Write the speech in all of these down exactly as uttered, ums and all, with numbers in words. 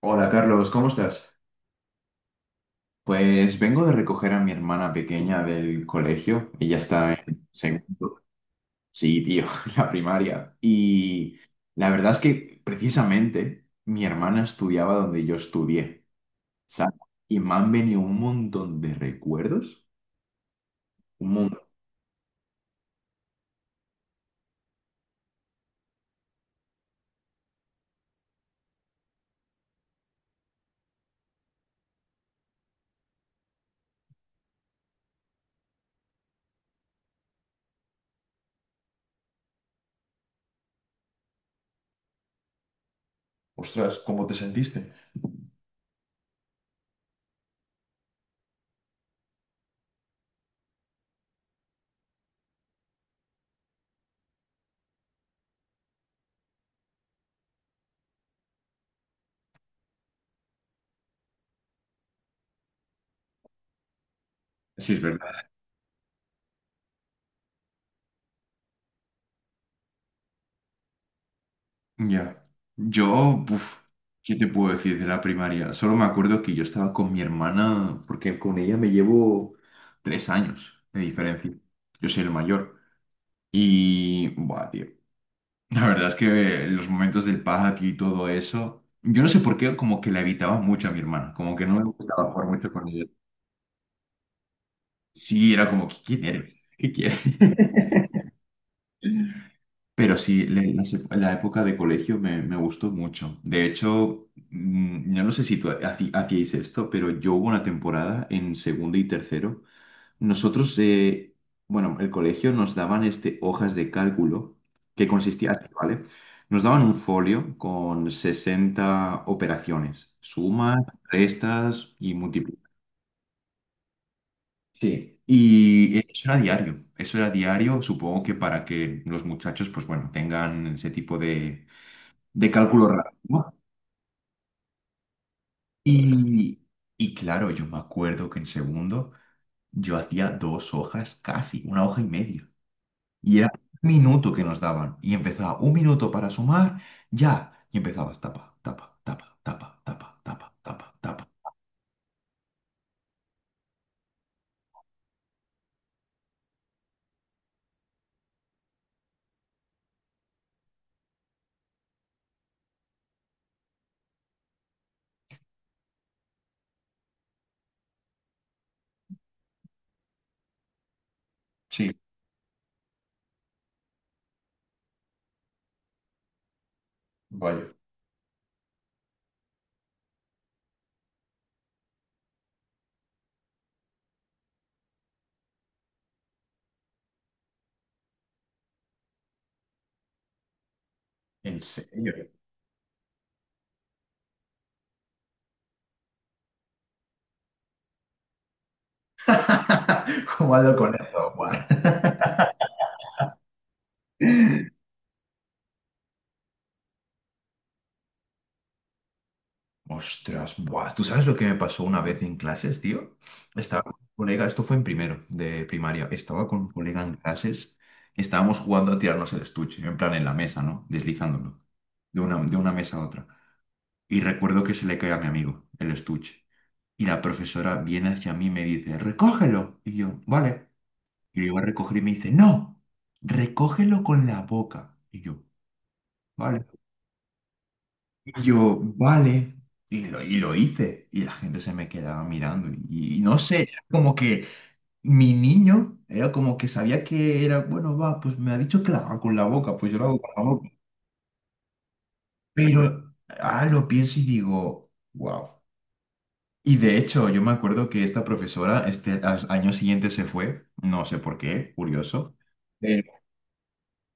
Hola Carlos, ¿cómo estás? Pues vengo de recoger a mi hermana pequeña del colegio. Ella está en segundo. Sí, tío, la primaria. Y la verdad es que precisamente mi hermana estudiaba donde yo estudié, ¿sabes? Y me han venido un montón de recuerdos. Un montón. Ostras, ¿cómo te sentiste? Sí, es verdad. Ya. Yo, uf, ¿qué te puedo decir de la primaria? Solo me acuerdo que yo estaba con mi hermana, porque con ella me llevo tres años de diferencia. Yo soy el mayor. Y, buah, tío. La verdad es que los momentos del patio y todo eso, yo no sé por qué, como que la evitaba mucho a mi hermana, como que no me gustaba jugar mucho con ella. Sí, era como, ¿qué- ¿quién eres? ¿Qué quieres? Pero sí, le- la, se- la época de colegio me, me gustó mucho. De hecho, mm, yo no sé si tú haci- hacíais esto, pero yo hubo una temporada en segundo y tercero. Nosotros, eh, bueno, el colegio nos daban este, hojas de cálculo que consistía así, ¿vale? Nos daban un folio con sesenta operaciones, sumas, restas y múltiples. Sí, y eso era diario, eso era diario, supongo que para que los muchachos, pues bueno, tengan ese tipo de, de cálculo rápido, ¿no? Y, y claro, yo me acuerdo que en segundo yo hacía dos hojas casi, una hoja y media. Y era un minuto que nos daban. Y empezaba un minuto para sumar, ya. Y empezabas tapa, tapa, tapa, tapa, tapa, tapa, tapa, tapa. Sí, vaya. ¿En serio? ¿Cómo ando con eso? Buah. Ostras, buah, ¿tú sabes lo que me pasó una vez en clases, tío? Estaba con un colega, esto fue en primero de primaria, estaba con un colega en clases, estábamos jugando a tirarnos el estuche, en plan en la mesa, ¿no? Deslizándolo, de una, de una mesa a otra. Y recuerdo que se le cae a mi amigo el estuche. Y la profesora viene hacia mí y me dice, recógelo. Y yo, vale. Y le iba a recoger y me dice, no, recógelo con la boca. Y yo, vale. Y yo, vale. Y lo, y lo hice. Y la gente se me quedaba mirando. Y, y no sé, era como que mi niño era como que sabía que era, bueno, va, pues me ha dicho que la haga con la boca, pues yo la hago con la boca. Pero ahora lo pienso y digo, wow. Y de hecho, yo me acuerdo que esta profesora, este al año siguiente se fue, no sé por qué, curioso.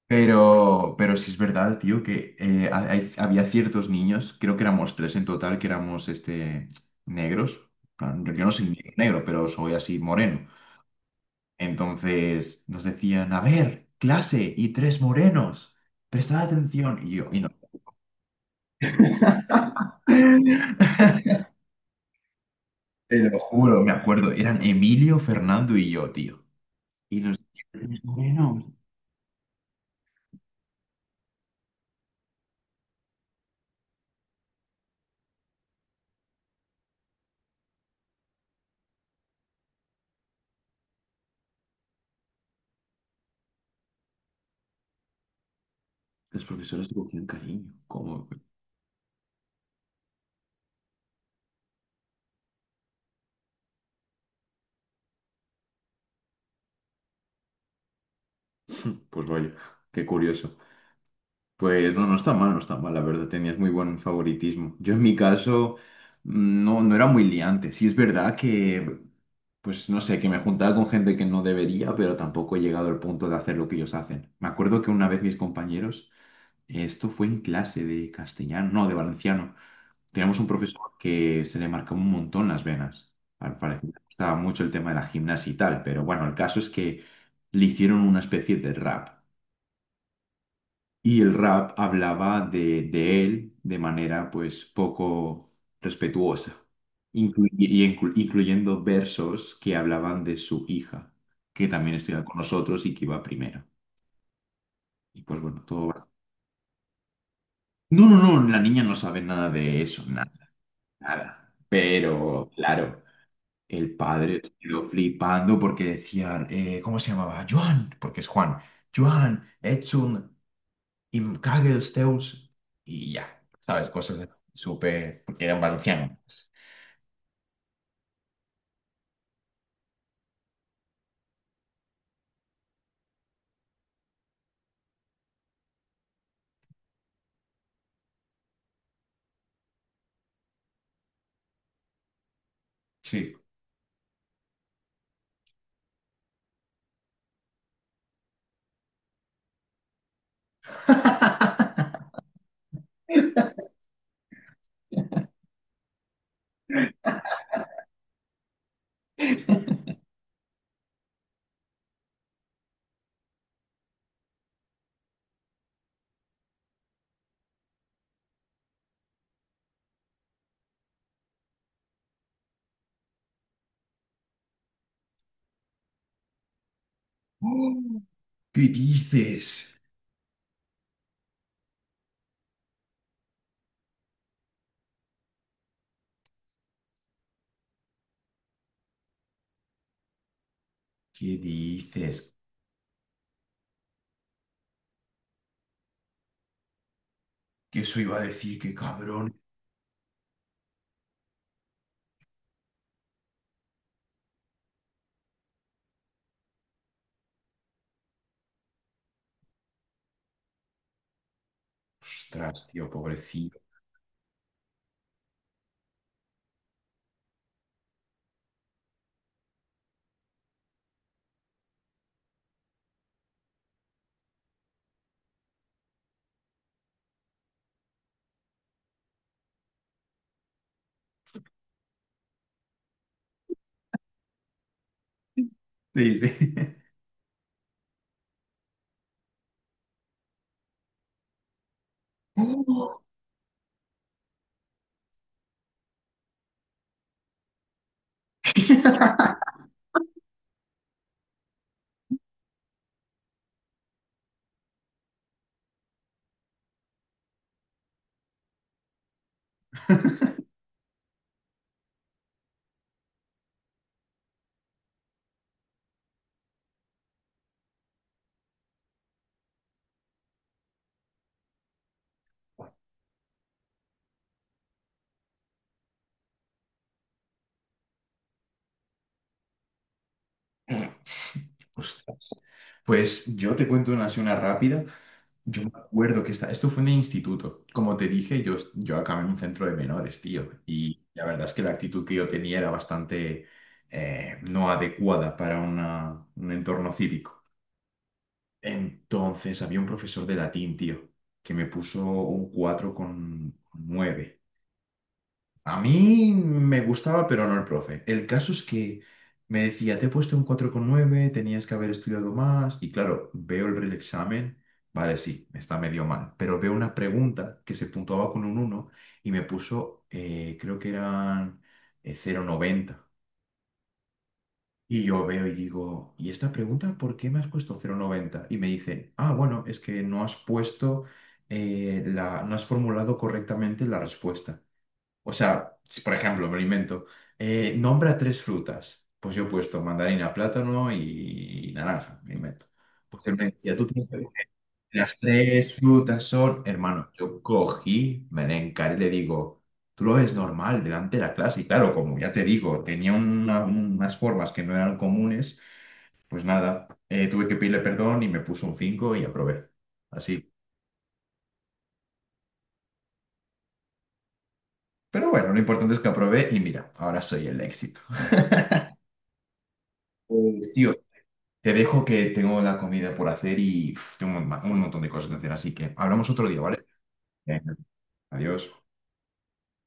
Pero, pero sí es verdad, tío, que eh, ha- hay- había ciertos niños, creo que éramos tres en total, que éramos este, negros. En plan, Yo yo no soy negro, negro, pero soy así moreno. Entonces nos decían, a ver, clase y tres morenos, prestad atención. Y yo, y no. Te lo juro, me acuerdo, eran Emilio, Fernando y yo, tío. Y nos decían, "Tres morenos". Los profesores te cogían cariño. Como Pues vaya, qué curioso. Pues no, no está mal, no está mal, la verdad, tenías muy buen favoritismo. Yo en mi caso mm, no, no era muy liante. Sí es verdad que, pues no sé, que me juntaba con gente que no debería, pero tampoco he llegado al punto de hacer lo que ellos hacen. Me acuerdo que una vez mis compañeros, esto fue en clase de castellano, no, de valenciano, teníamos un profesor que se le marcaba un montón las venas. Al parecer le gustaba mucho el tema de la gimnasia y tal, pero bueno, el caso es que le hicieron una especie de rap y el rap hablaba de, de él de manera pues poco respetuosa, inclu- y inclu- incluyendo versos que hablaban de su hija, que también estudiaba con nosotros y que iba primero. Y pues bueno, todo va. No, no, no, la niña no sabe nada de eso, nada, nada. Pero claro, el padre se quedó flipando porque decían, eh, ¿cómo se llamaba? Joan, porque es Juan. Joan, Edson. Y Kaggle, Zeus y ya, ¿sabes? Cosas así, súper, porque eran valencianos. Sí. Oh, ¿qué dices? ¿Qué dices? Que eso iba a decir, qué cabrón. Ostras, tío, pobrecito. Sí, sí. Oh. Ostras. Pues yo te cuento una así, una rápida. Yo me acuerdo que esta- esto fue en el instituto. Como te dije, yo, yo acabé en un centro de menores, tío. Y la verdad es que la actitud que yo tenía era bastante eh, no adecuada para una- un entorno cívico. Entonces había un profesor de latín, tío, que me puso un cuatro con nueve. A mí me gustaba, pero no el profe. El caso es que me decía, te he puesto un cuatro con nueve, tenías que haber estudiado más. Y claro, veo el reexamen, vale, sí, está medio mal, pero veo una pregunta que se puntuaba con un uno y me puso, eh, creo que eran eh, cero coma noventa. Y yo veo y digo, ¿y esta pregunta por qué me has puesto cero coma noventa? Y me dice, ah, bueno, es que no has puesto, eh, la, no has formulado correctamente la respuesta. O sea, si, por ejemplo, me lo invento. Eh, nombra tres frutas. Pues yo he puesto mandarina, plátano y naranja, me lo invento. Pues él me decía, tú tienes que- decir, las tres frutas son, hermano, yo cogí, me le encaré y le digo, tú lo ves normal delante de la clase. Y claro, como ya te digo, tenía una- unas formas que no eran comunes, pues nada, eh, tuve que pedirle perdón y me puso un cinco y aprobé. Así. Pero bueno, lo importante es que aprobé y mira, ahora soy el éxito. Pues, tío, Te dejo que tengo la comida por hacer y uf, tengo un, ma- un montón de cosas que hacer, así que hablamos otro día, ¿vale? Venga, adiós.